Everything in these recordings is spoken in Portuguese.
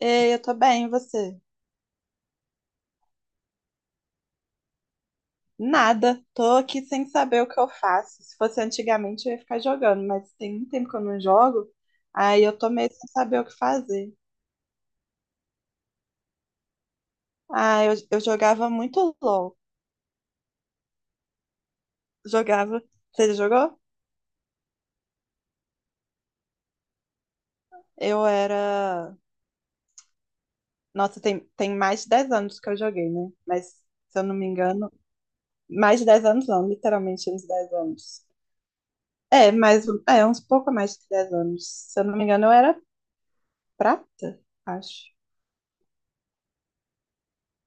Ei, eu tô bem, e você? Nada, tô aqui sem saber o que eu faço. Se fosse antigamente, eu ia ficar jogando, mas tem um tempo que eu não jogo, aí eu tô meio sem saber o que fazer. Ah, eu jogava muito LOL. Jogava. Você já jogou? Eu era. Nossa, tem mais de 10 anos que eu joguei, né? Mas, se eu não me engano, mais de 10 anos não, literalmente uns 10 anos. É, mas é uns pouco mais de 10 anos. Se eu não me engano, eu era prata, acho.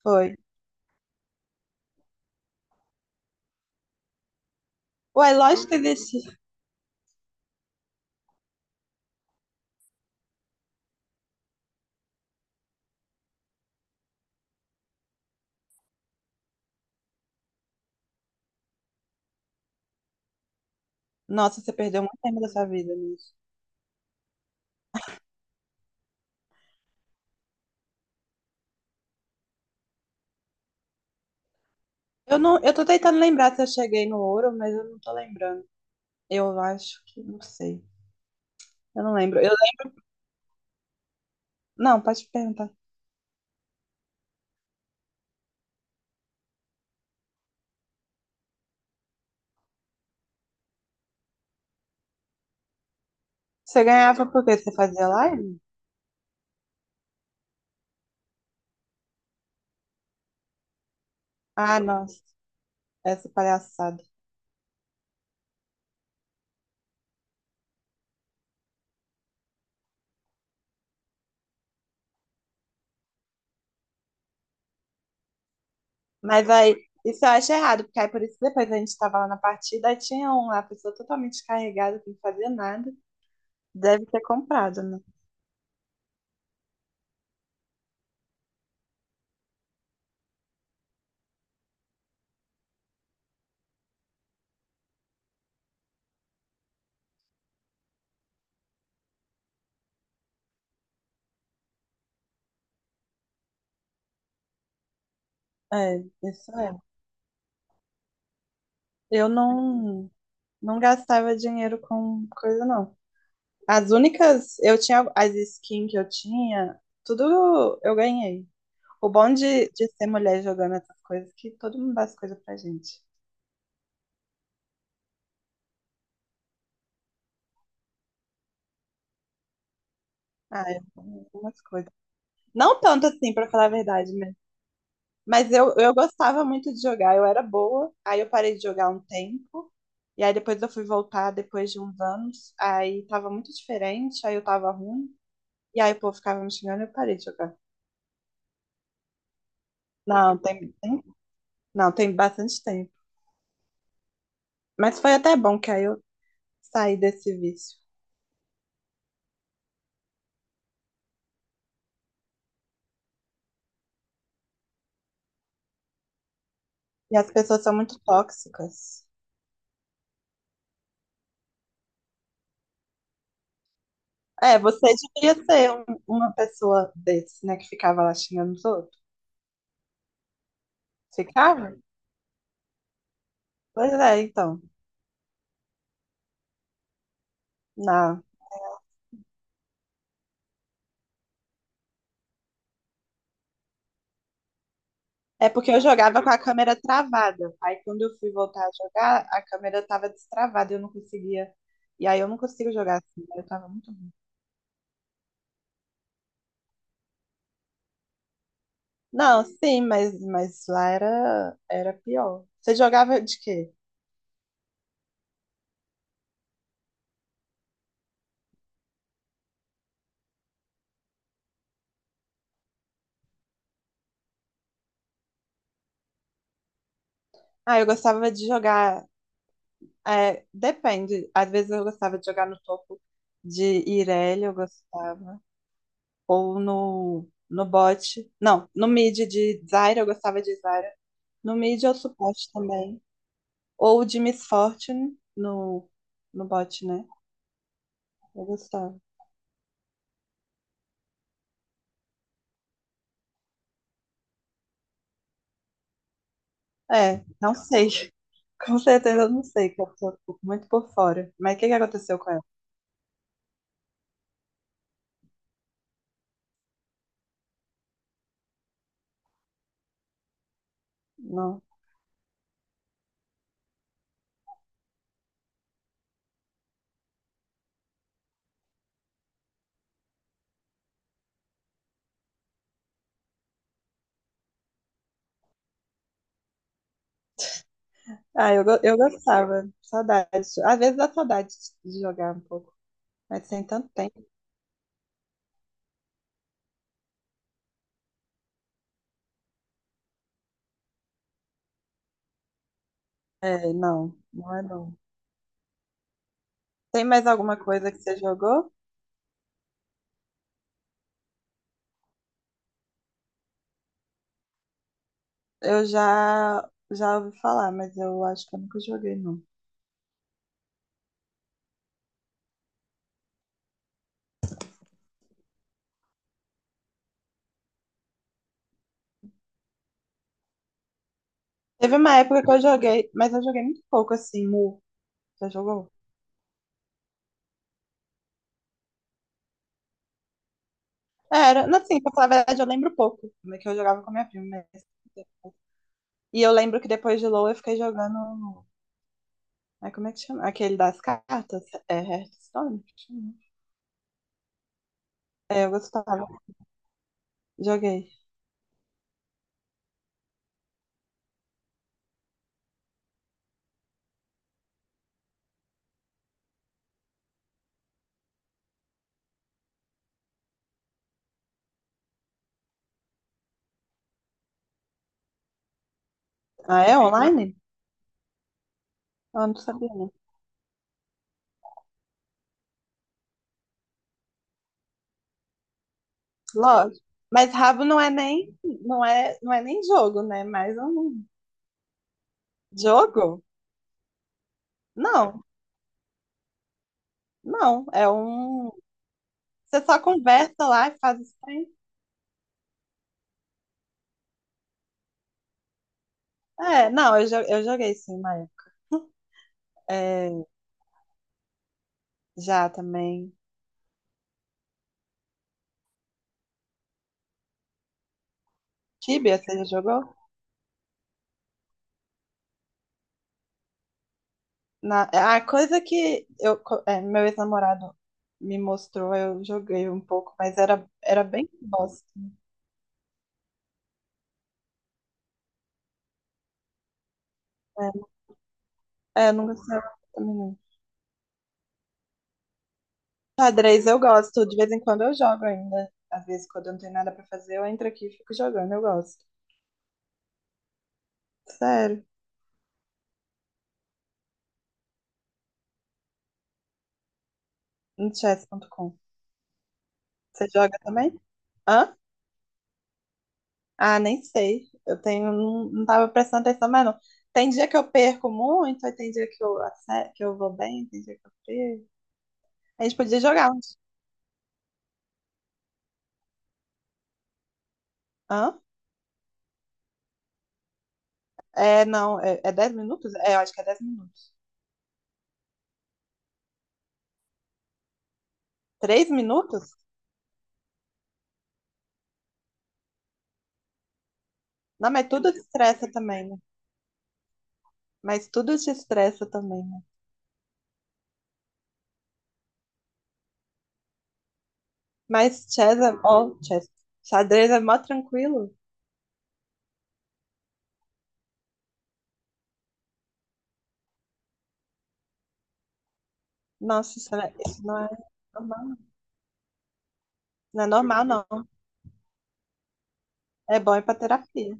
Foi. Ué, lógico que existe. Nossa, você perdeu muito tempo da sua vida nisso. Eu tô tentando lembrar se eu cheguei no ouro, mas eu não tô lembrando. Eu acho que não sei. Eu não lembro. Não, pode perguntar. Você ganhava por quê? Você fazia live? Ah, nossa, essa palhaçada. Mas aí, isso eu acho errado, porque aí por isso que depois a gente tava lá na partida, aí tinha um lá, a pessoa totalmente carregada, que não fazia nada. Deve ter comprado, né? É, isso é. Eu não, Não gastava dinheiro com coisa, não. As únicas, eu tinha as skins que eu tinha, tudo eu ganhei. O bom de ser mulher jogando essas coisas é que todo mundo dá as coisas pra gente. Ah, eu ganhei algumas coisas. Não tanto assim, pra falar a verdade, né? Mas eu gostava muito de jogar, eu era boa. Aí eu parei de jogar um tempo. E aí depois eu fui voltar depois de uns anos. Aí tava muito diferente, aí eu tava ruim. E aí o povo ficava me xingando e eu parei de jogar. Não, não, tem bastante tempo. Mas foi até bom, que aí eu sair desse vício. E as pessoas são muito tóxicas. É, você devia ser uma pessoa desse, né, que ficava lá xingando os outros. Ficava? Pois é, então. Não. É porque eu jogava com a câmera travada. Aí quando eu fui voltar a jogar, a câmera tava destravada e eu não conseguia. E aí eu não consigo jogar assim, né? Eu tava muito. Não, sim, mas lá era pior. Você jogava de quê? Ah, eu gostava de jogar. É, depende. Às vezes eu gostava de jogar no topo de Irelia, eu gostava. Ou no bot. Não, no mid de Zyra, eu gostava de Zyra. No mid eu suporte também. Ou de Miss Fortune no bot, né? Eu gostava. É, não sei. Com certeza eu não sei, que eu tô muito por fora. Mas o que que aconteceu com ela? Não. Ah, eu gostava. Saudade. Às vezes dá saudade de jogar um pouco. Mas sem tanto tempo. É, não, não é não. Tem mais alguma coisa que você jogou? Eu já ouvi falar, mas eu acho que eu nunca joguei, não. Teve uma época que eu joguei, mas eu joguei muito pouco, assim, Mu. Já jogou? É, era, não, assim, pra falar a verdade, eu lembro pouco, né, que eu jogava com a minha prima. Mas- E eu lembro que depois de LoL eu fiquei jogando, é como é que chama? Aquele das cartas, é Hearthstone? Que chama? É, eu gostava, joguei. Ah, é online? Eu não sabia. Lógico. Mas rabo não é nem jogo, né? Mais um jogo? Não, não. É um. Você só conversa lá e faz isso aí. É, não, eu joguei sim uma época. É, já também. Tibia, você já jogou? Na, a coisa que é, meu ex-namorado me mostrou, eu joguei um pouco, mas era bem bosta. É, eu não gostava também. Não. Xadrez eu gosto, de vez em quando eu jogo ainda. Às vezes, quando eu não tenho nada pra fazer, eu entro aqui e fico jogando, eu gosto. Sério, no chess.com. Você joga também? Hã? Ah, nem sei. Não tava prestando atenção, mas não. Tem dia que eu perco muito, aí tem dia que que eu vou bem, tem dia que eu perco. A gente podia jogar uns. Hã? É, não, é 10 minutos? É, eu acho que é 10 minutos. 3 minutos? Não, mas tudo te estressa também, né? Mas tudo te estressa também, né? Mas chess é, ó, chess, xadrez é mó tranquilo. Nossa, isso, isso não é normal. Não. É normal, não. É bom ir pra terapia.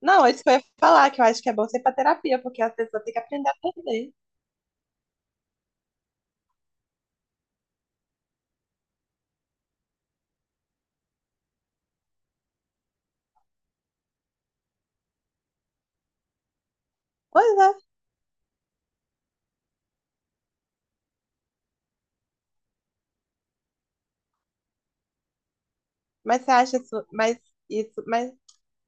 Não, é isso que eu ia falar, que eu acho que é bom ser pra terapia, porque as pessoas têm que aprender a perder. Pois é, mas você acha isso, isso, mas,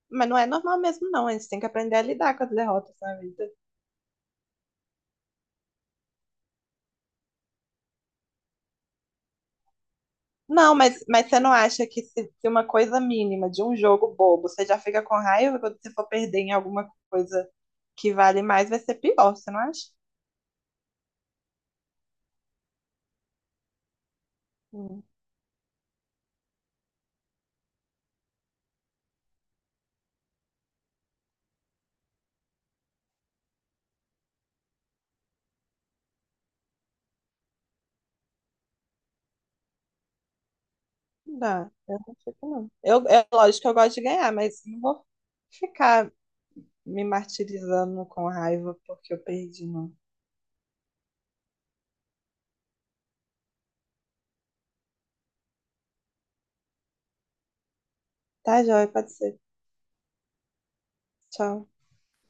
mas não é normal mesmo, não. A gente tem que aprender a lidar com as derrotas na vida. Não, mas você não acha que se uma coisa mínima de um jogo bobo, você já fica com raiva quando você for perder em alguma coisa que vale mais, vai ser pior, você não acha? Hum. Não dá, eu não fico, não. É lógico que eu gosto de ganhar, mas não vou ficar me martirizando com raiva porque eu perdi, não. Tá, joia, pode ser. Tchau.